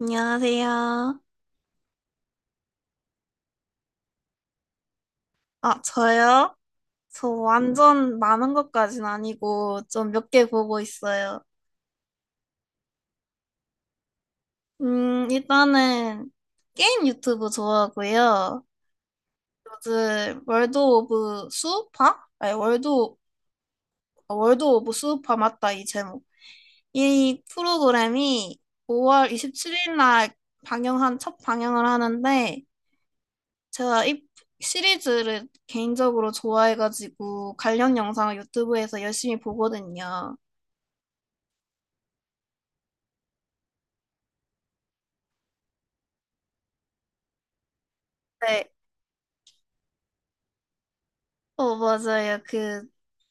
안녕하세요. 아, 저요? 저 완전 많은 것까진 아니고 좀 몇 개 보고 있어요. 일단은 게임 유튜브 좋아하고요. 요즘 월드 오브 수우파? 아니, 월드 오브 수우파 맞다, 이 제목. 이 프로그램이 5월 27일 날 방영한, 첫 방영을 하는데 제가 이 시리즈를 개인적으로 좋아해가지고 관련 영상을 유튜브에서 열심히 보거든요. 네. 어, 맞아요.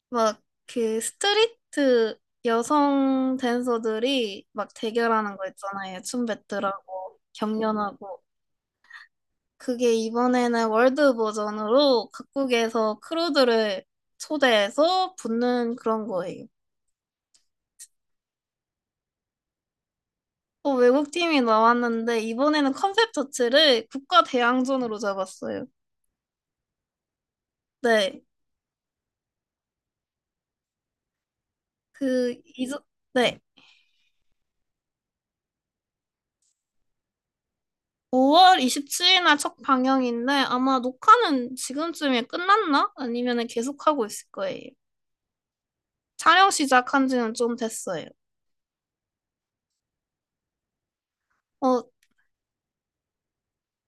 막, 그 스트리트 여성 댄서들이 막 대결하는 거 있잖아요. 춤 배틀하고 경연하고. 그게 이번에는 월드 버전으로 각국에서 크루들을 초대해서 붙는 그런 거예요. 어, 외국 팀이 나왔는데 이번에는 컨셉 자체를 국가 대항전으로 잡았어요. 네. 그, 이전, 네. 5월 27일날 첫 방영인데 아마 녹화는 지금쯤에 끝났나? 아니면 계속 하고 있을 거예요. 촬영 시작한 지는 좀 됐어요. 어,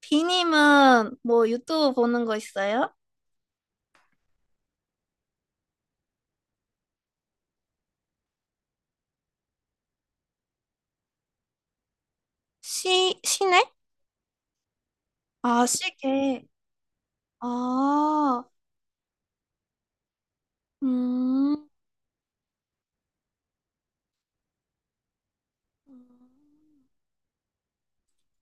비님은 뭐 유튜브 보는 거 있어요? 시네? 아, 시계. 아, 음.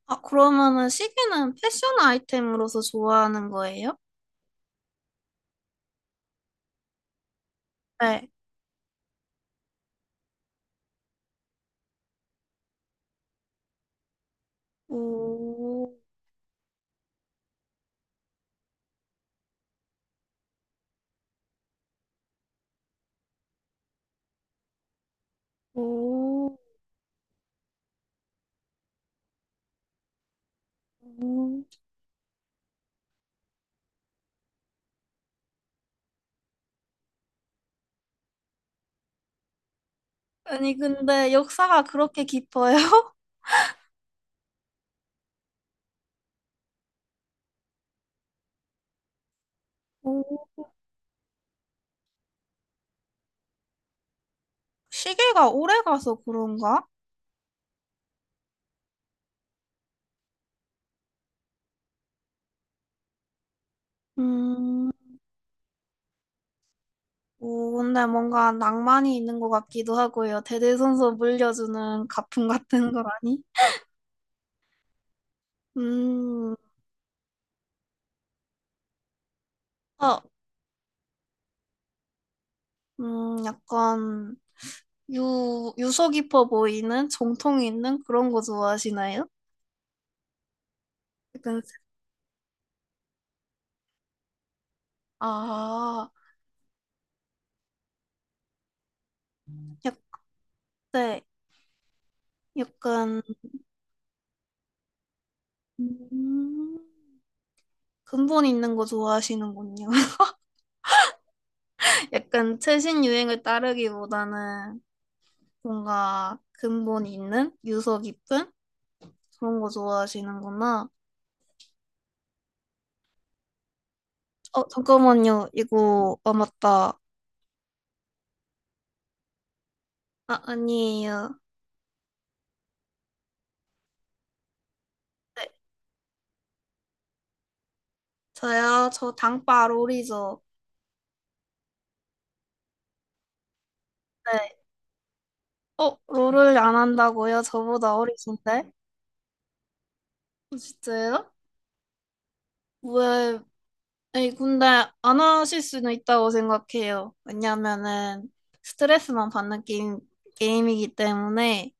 아, 그러면은 시계는 패션 아이템으로서 좋아하는 거예요? 네. 오, 오, 오. 아니, 근데 역사가 그렇게 깊어요? 오, 시계가 오래 가서 그런가? 음, 오, 근데 뭔가 낭만이 있는 것 같기도 하고요. 대대손손 물려주는 가품 같은 거라니? 음, 어, 약간 유서 깊어 보이는 정통 있는 그런 거 좋아하시나요? 약간, 아, 약, 네, 약간, 음, 근본 있는 거 좋아하시는군요. 약간 최신 유행을 따르기보다는 뭔가 근본 있는 유서 깊은 그런 거 좋아하시는구나. 어, 잠깐만요. 이거 아 맞다. 아, 아니에요. 네, 저요. 저 당빠 롤이죠. 네. 어, 롤을 안 한다고요? 저보다 어리신데? 어, 진짜요? 왜? 아니, 근데 안 하실 수는 있다고 생각해요. 왜냐면은 스트레스만 받는 게임, 게임이기 때문에.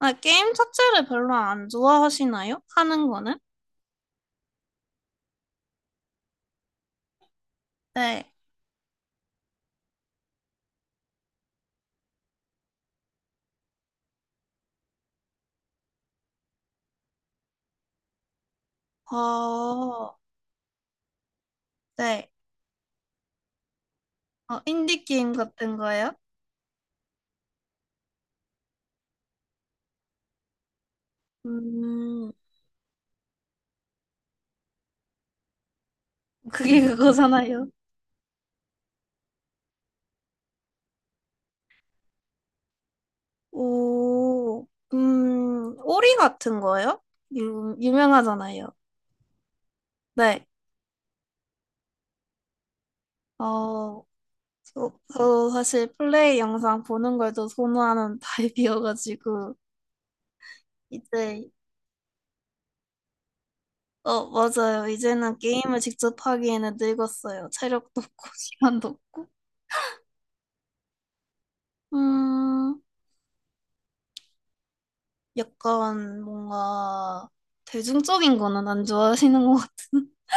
아, 게임 자체를 별로 안 좋아하시나요? 하는 거는? 네. 어, 네. 어, 인디 게임 같은 거예요? 음, 그게 그거잖아요. 오, 오리 같은 거예요? 유명하잖아요. 네. 어, 저 사실 플레이 영상 보는 걸 더 선호하는 타입이어가지고, 이제, 어, 맞아요. 이제는 게임을 직접 하기에는 늙었어요. 체력도 없고, 시간도 없고. 음, 약간 뭔가 대중적인 거는 안 좋아하시는 것 같은.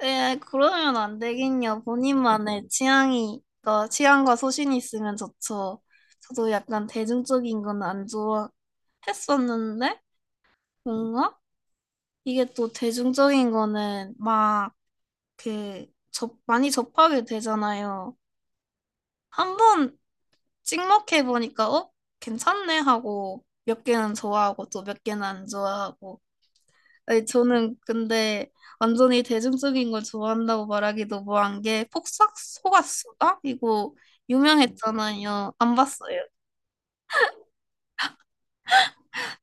에, 그러면 안 되겠냐. 본인만의 취향이, 그 취향과 소신이 있으면 좋죠. 저도 약간 대중적인 건 안 좋아했었는데, 뭔가 이게 또 대중적인 거는 막 그, 많이 접하게 되잖아요. 한 번 찍먹해 보니까, 어? 괜찮네 하고, 몇 개는 좋아하고 또 몇 개는 안 좋아하고. 아니, 저는 근데 완전히 대중적인 걸 좋아한다고 말하기도 뭐한 게 폭삭 속았수다? 이거 유명했잖아요. 안 봤어요.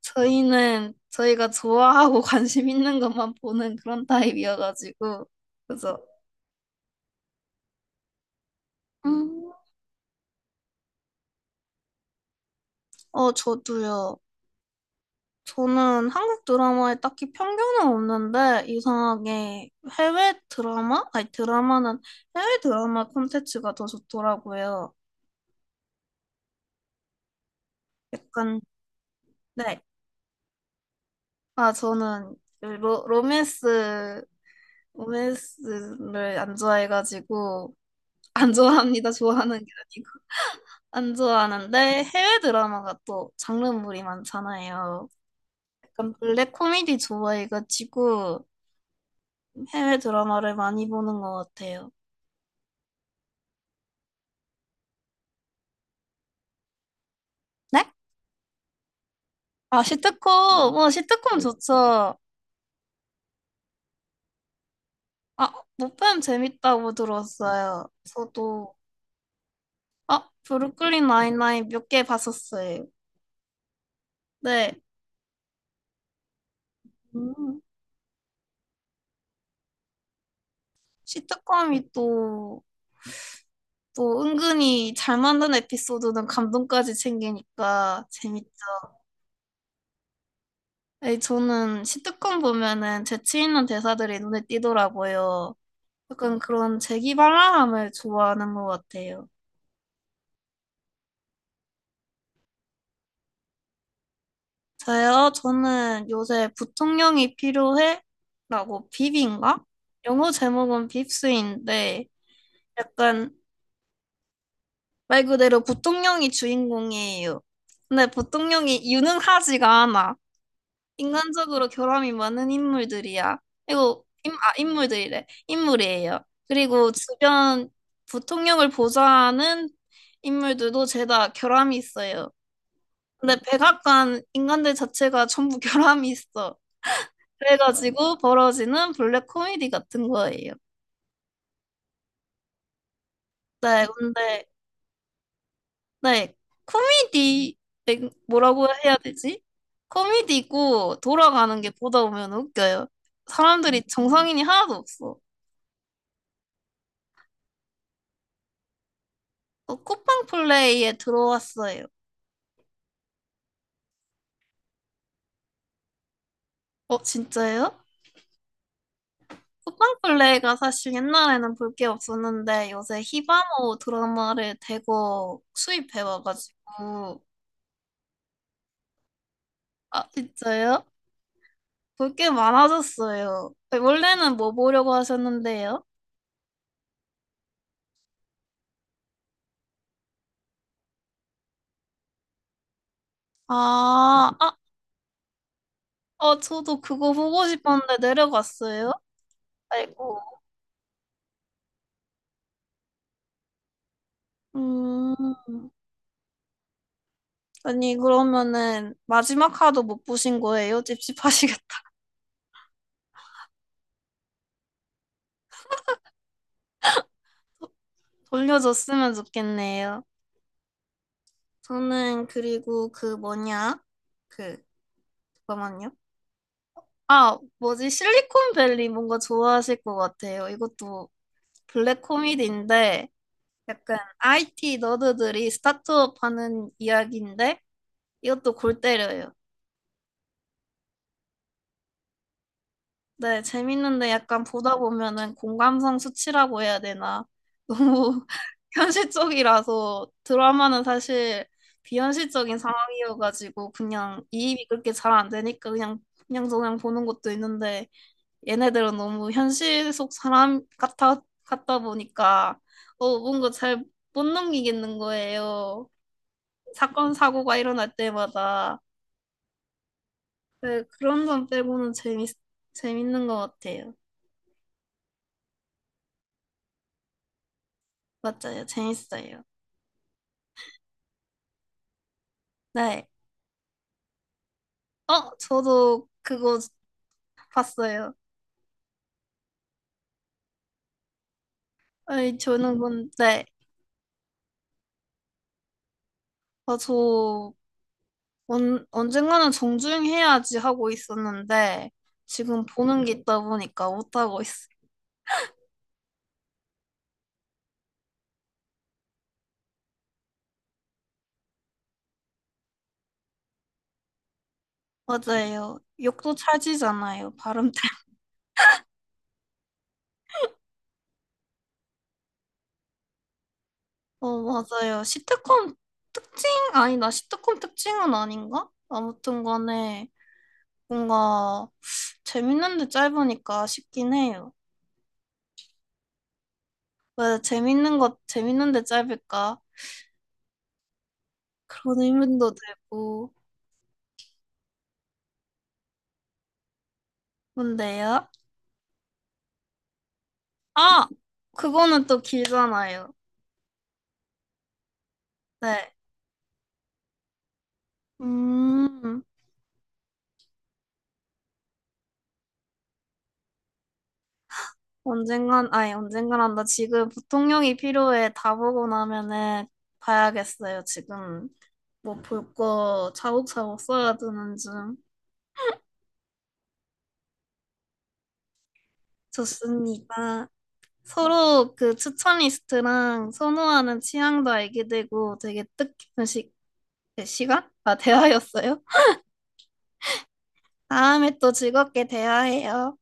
저희는 저희가 좋아하고 관심 있는 것만 보는 그런 타입이어가지고 그래서 음, 어 저도요. 저는 한국 드라마에 딱히 편견은 없는데 이상하게 해외 드라마? 아니 드라마는 해외 드라마 콘텐츠가 더 좋더라고요. 약간 네. 아, 저는 로맨스, 로맨스를 안 좋아해가지고, 안 좋아합니다. 좋아하는 게 아니고. 안 좋아하는데, 해외 드라마가 또 장르물이 많잖아요. 약간 블랙 코미디 좋아해가지고, 해외 드라마를 많이 보는 것 같아요. 네? 아, 시트콤! 뭐, 시트콤 좋죠. 아, 못뱀 재밌다고 들었어요. 저도, 아, 브루클린 나인나인 몇 개 봤었어요. 네. 음. 시트콤이 또, 또 은근히 잘 만든 에피소드는 감동까지 챙기니까 재밌죠. 아니, 저는 시트콤 보면은 재치 있는 대사들이 눈에 띄더라고요. 약간 그런 재기발랄함을 좋아하는 것 같아요. 저요? 저는 요새 부통령이 필요해? 라고 빕인가? 영어 제목은 빕스인데 약간 말 그대로 부통령이 주인공이에요. 근데 부통령이 유능하지가 않아. 인간적으로 결함이 많은 인물들이야. 그리고 인물들이래. 인물이에요. 그리고 주변 부통령을 보좌하는 인물들도 죄다 결함이 있어요. 근데 백악관 인간들 자체가 전부 결함이 있어. 그래가지고 벌어지는 블랙 코미디 같은 거예요. 네, 근데 네 코미디 네, 뭐라고 해야 되지? 코미디고 돌아가는 게 보다 보면 웃겨요. 사람들이 정상인이 하나도 없어. 어, 쿠팡 플레이에 들어왔어요. 어, 진짜요? 쿠팡 플레이가 사실 옛날에는 볼 게 없었는데 요새 히바모 드라마를 대거 수입해 와가지고 아, 진짜요? 볼 게 많아졌어요. 네, 원래는 뭐 보려고 하셨는데요? 아, 아, 어, 저도 그거 보고 싶었는데 내려갔어요. 아이고. 음, 아니 그러면은 마지막 화도 못 보신 거예요? 찝찝하시겠다. 돌려줬으면 좋겠네요. 저는 그리고 그 뭐냐? 그 잠깐만요. 아, 뭐지? 실리콘밸리 뭔가 좋아하실 것 같아요. 이것도 블랙 코미디인데 약간 IT 너드들이 스타트업 하는 이야기인데 이것도 골 때려요. 네, 재밌는데 약간 보다 보면은 공감성 수치라고 해야 되나? 너무 현실적이라서 드라마는 사실 비현실적인 상황이어가지고 그냥 이입이 그렇게 잘 안 되니까 그냥 저냥 보는 것도 있는데 얘네들은 너무 현실 속 사람 같아 같다 보니까 어 뭔가 잘 못 넘기겠는 거예요. 사건 사고가 일어날 때마다 네, 그런 점 빼고는 재밌는 것 같아요. 맞아요, 재밌어요. 네. 어, 저도 그거 봤어요. 아니, 저는 근 네. 아, 저 언젠가는 정주행해야지 하고 있었는데 지금 보는 게 있다 보니까 못하고 있어요. 맞아요. 욕도 찰지잖아요. 발음 때문에. 어, 맞아요. 시트콤 특징? 아니다. 시트콤 특징은 아닌가? 아무튼 간에 뭔가 재밌는데 짧으니까 싶긴 해요. 왜 재밌는 것 재밌는데 짧을까? 그런 의문도 들고. 뭔데요? 아, 그거는 또 길잖아요. 네. 음, 언젠간, 아니, 언젠간 한다. 지금 부통령이 필요해. 다 보고 나면은 봐야겠어요. 지금 뭐 볼 거 차곡차곡 써야 되는 중. 좋습니다. 서로 그 추천 리스트랑 선호하는 취향도 알게 되고 되게 뜻깊은 네, 시간? 아, 대화였어요. 다음에 또 즐겁게 대화해요.